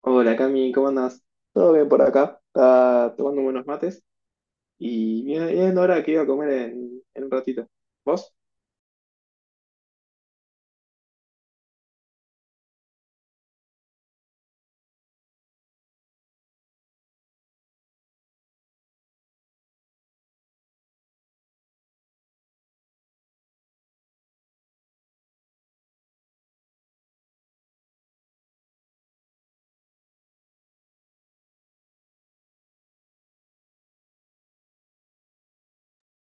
Hola Cami, ¿cómo andás? Todo bien por acá, está tomando buenos mates y bien ahora que iba a comer en un ratito. ¿Vos?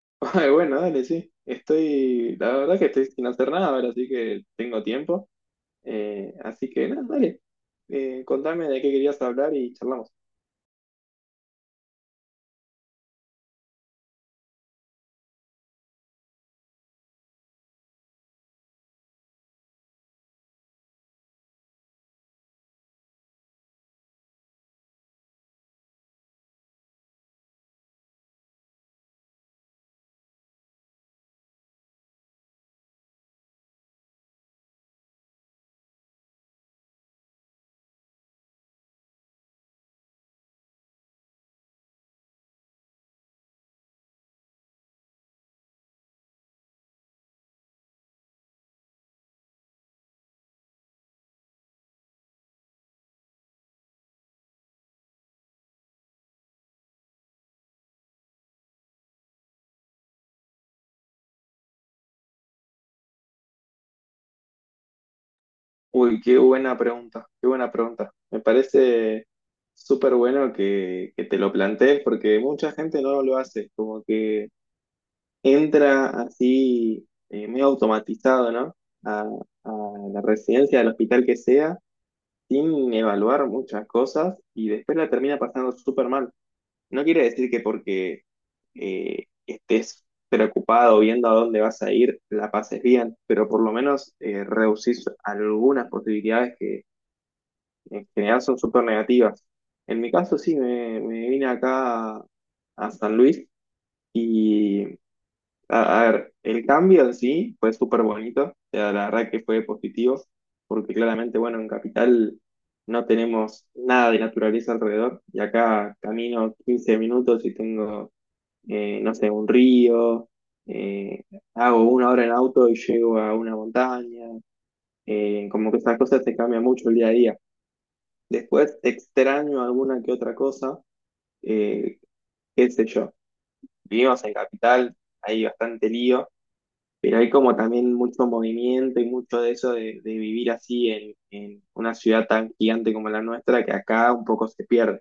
Ay, bueno, dale, sí. La verdad que estoy sin hacer nada ahora, así que tengo tiempo. Así que nada, dale. Contame de qué querías hablar y charlamos. Uy, qué buena pregunta, qué buena pregunta. Me parece súper bueno que te lo plantees porque mucha gente no lo hace, como que entra así, medio automatizado, ¿no? A, a la residencia del hospital que sea, sin evaluar muchas cosas y después la termina pasando súper mal. No quiere decir que porque estés preocupado viendo a dónde vas a ir, la pases bien, pero por lo menos reducís algunas posibilidades que en general son súper negativas. En mi caso sí, me vine acá a San Luis. Y a ver, el cambio en sí fue súper bonito, o sea, la verdad que fue positivo, porque claramente, bueno, en Capital no tenemos nada de naturaleza alrededor, y acá camino 15 minutos y tengo, no sé, un río, eh, hago una hora en auto y llego a una montaña. Como que esas cosas te cambian mucho el día a día. Después extraño alguna que otra cosa, eh, qué sé yo, vivimos en Capital, hay bastante lío. Pero hay como también mucho movimiento y mucho de eso de vivir así en una ciudad tan gigante como la nuestra, que acá un poco se pierde.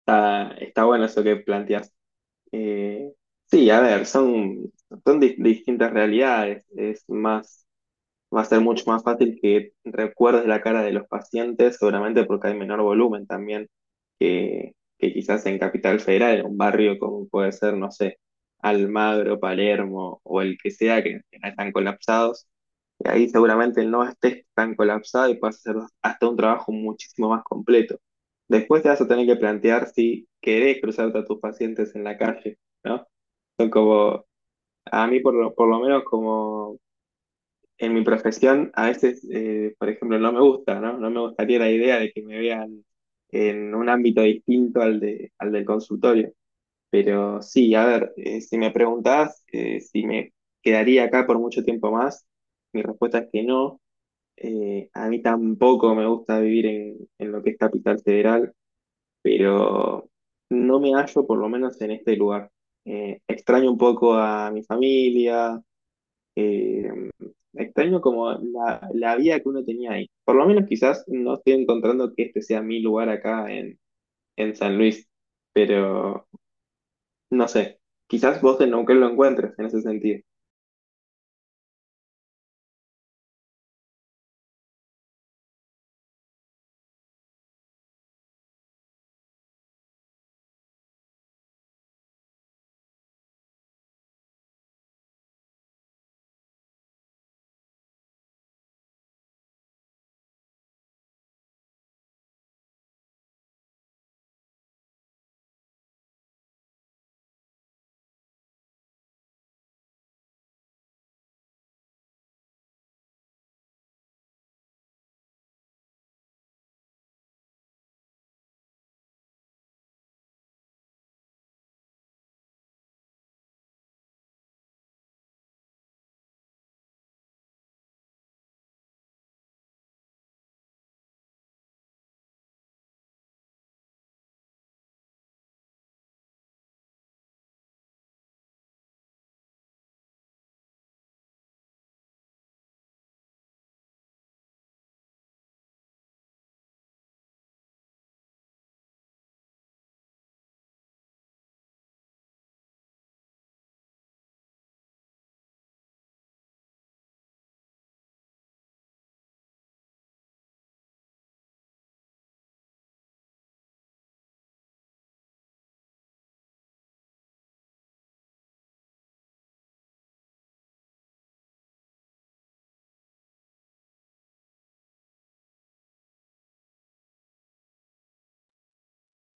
Está bueno eso que planteas. Eh, sí, a ver, son distintas realidades. Es más. Va a ser mucho más fácil que recuerdes la cara de los pacientes, seguramente porque hay menor volumen también que quizás en Capital Federal, en un barrio como puede ser, no sé, Almagro, Palermo o el que sea, que no están colapsados. Y ahí seguramente no estés tan colapsado y puedas hacer hasta un trabajo muchísimo más completo. Después te vas a tener que plantear si querés cruzarte a tus pacientes en la calle, ¿no? Son como, a mí por lo menos como en mi profesión a veces, por ejemplo, no me gusta, ¿no? No me gustaría la idea de que me vean en un ámbito distinto al del consultorio. Pero sí, a ver, si me preguntás si me quedaría acá por mucho tiempo más, mi respuesta es que no. A mí tampoco me gusta vivir en lo que es Capital Federal, pero no me hallo por lo menos en este lugar. Extraño un poco a mi familia, eh, extraño como la vida que uno tenía ahí. Por lo menos quizás no estoy encontrando que este sea mi lugar acá en San Luis, pero no sé, quizás vos en Neuquén lo encuentres en ese sentido.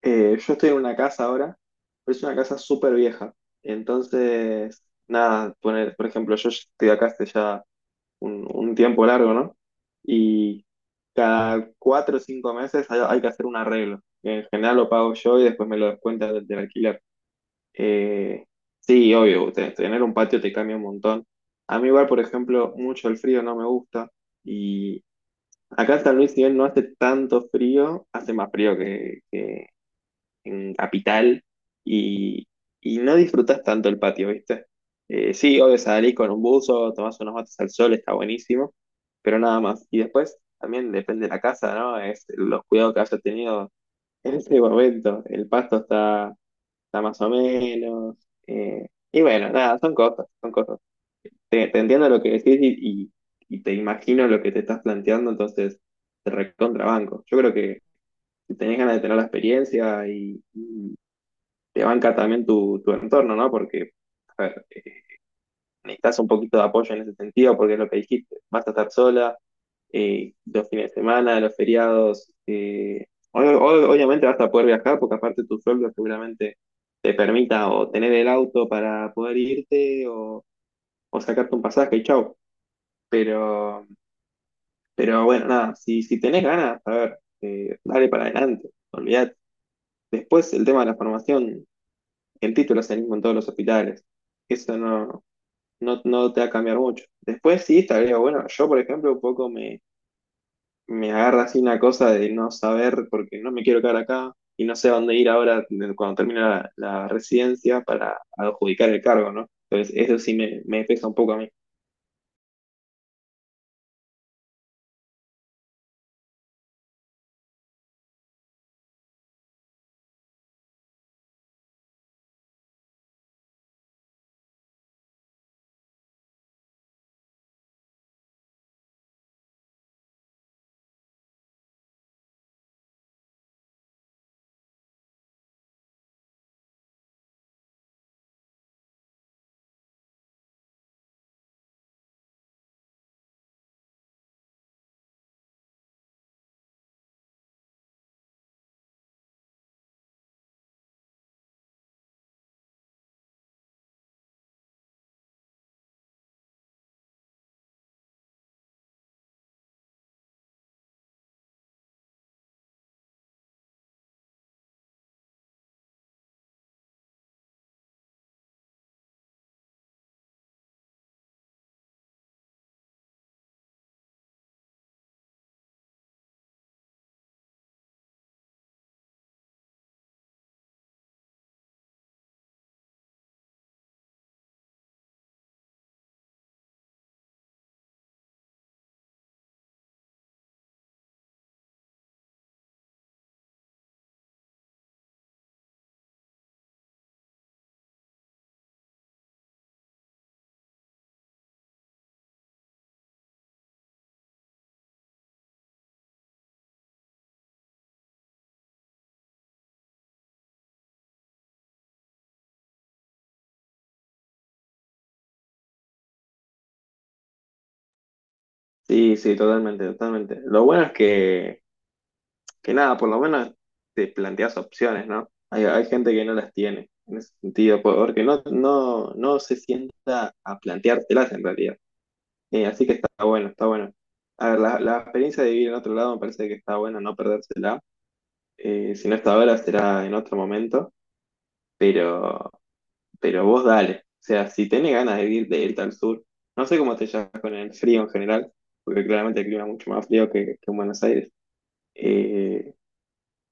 Yo estoy en una casa ahora, pero es una casa súper vieja. Entonces, nada, poner, por ejemplo, yo estoy acá hace ya un tiempo largo, ¿no? Y cada 4 o 5 meses hay que hacer un arreglo que en general lo pago yo y después me lo descuentan del alquiler. Eh, sí, obvio, tener un patio te cambia un montón. A mí igual, por ejemplo, mucho el frío no me gusta y acá en San Luis, si bien no hace tanto frío, hace más frío que en Capital y, y no disfrutas tanto el patio, ¿viste? Sí, obvio, salís con un buzo, tomás unos mates al sol, está buenísimo, pero nada más. Y después también depende de la casa, ¿no? Es los cuidados que haya tenido en ese momento. El pasto está más o menos. eh, y bueno, nada, son cosas, son cosas. Te entiendo lo que decís y te imagino lo que te estás planteando, entonces te recontrabanco. Yo creo que si tenés ganas de tener la experiencia y te banca también tu entorno, ¿no? Porque, a ver, necesitas un poquito de apoyo en ese sentido, porque es lo que dijiste, vas a estar sola, los fines de semana, los feriados. Obviamente vas a poder viajar porque aparte tu sueldo seguramente te permita o tener el auto para poder irte o sacarte un pasaje y chau. Pero, pero bueno, nada, si tenés ganas, a ver, dale para adelante, olvidate. Después el tema de la formación, el título es el mismo en todos los hospitales. Eso no te va a cambiar mucho. Después sí, estaría bueno. Yo, por ejemplo, un poco me agarra así una cosa de no saber porque no me quiero quedar acá y no sé a dónde ir ahora cuando termine la residencia para adjudicar el cargo, ¿no? Entonces eso sí me pesa un poco a mí. Sí, sí, totalmente, totalmente. Lo bueno es que nada, por lo menos te planteas opciones, ¿no? Hay gente que no las tiene en ese sentido, porque no se sienta a planteárselas en realidad. Así que está bueno, está bueno. A ver, la experiencia de vivir en otro lado me parece que está bueno no perdérsela. Si no está ahora, será en otro momento, pero, pero vos dale. O sea, si tenés ganas de irte al sur, no sé cómo te llevas con el frío en general, porque claramente el clima es mucho más frío que en Buenos Aires. Eh,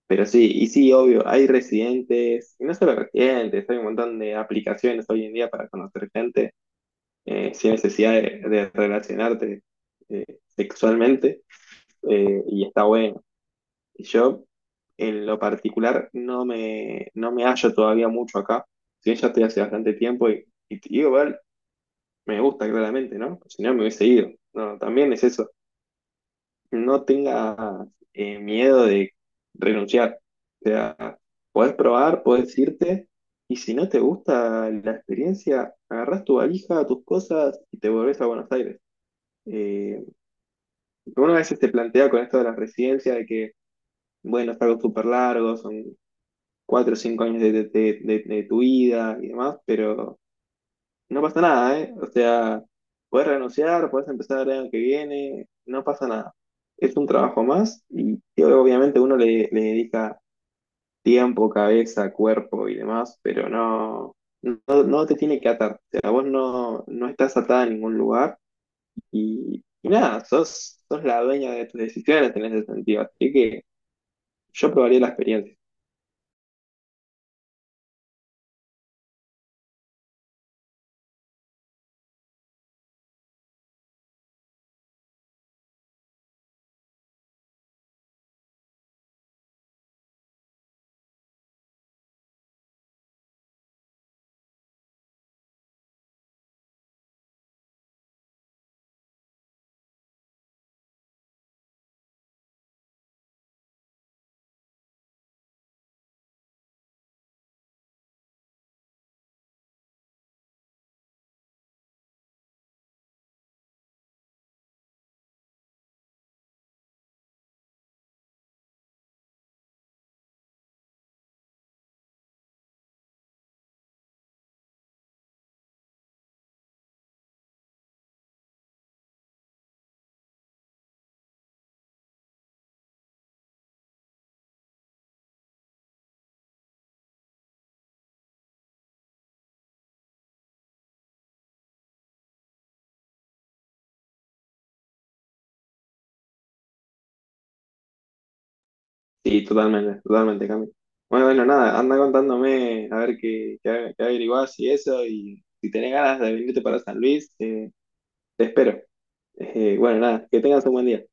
pero sí, y sí, obvio, hay residentes, y no solo residentes, hay un montón de aplicaciones hoy en día para conocer gente sin necesidad de relacionarte sexualmente, y está bueno. Yo, en lo particular, no me hallo todavía mucho acá. Si bien ya estoy hace bastante tiempo y te digo, igual me gusta claramente, ¿no? Si no, me hubiese ido. No, también es eso. No tengas miedo de renunciar. O sea, podés probar, podés irte. Y si no te gusta la experiencia, agarrás tu valija, tus cosas y te volvés a Buenos Aires. Eh, Uno a veces te plantea con esto de las residencias de que, bueno, es algo súper largo, son 4 o 5 años de tu vida y demás, pero no pasa nada, ¿eh? O sea, puedes renunciar, puedes empezar el año que viene, no pasa nada. Es un trabajo más y obviamente uno le dedica tiempo, cabeza, cuerpo y demás, pero no, no te tiene que atar. O sea, vos no estás atada a ningún lugar y nada, sos la dueña de tus decisiones en ese sentido. Así que yo probaría la experiencia. Sí, totalmente, totalmente, Cami. Bueno, bueno, nada, anda contándome a ver qué averiguás y eso, y si tenés ganas de venirte para San Luis, te espero. Bueno, nada, que tengas un buen día.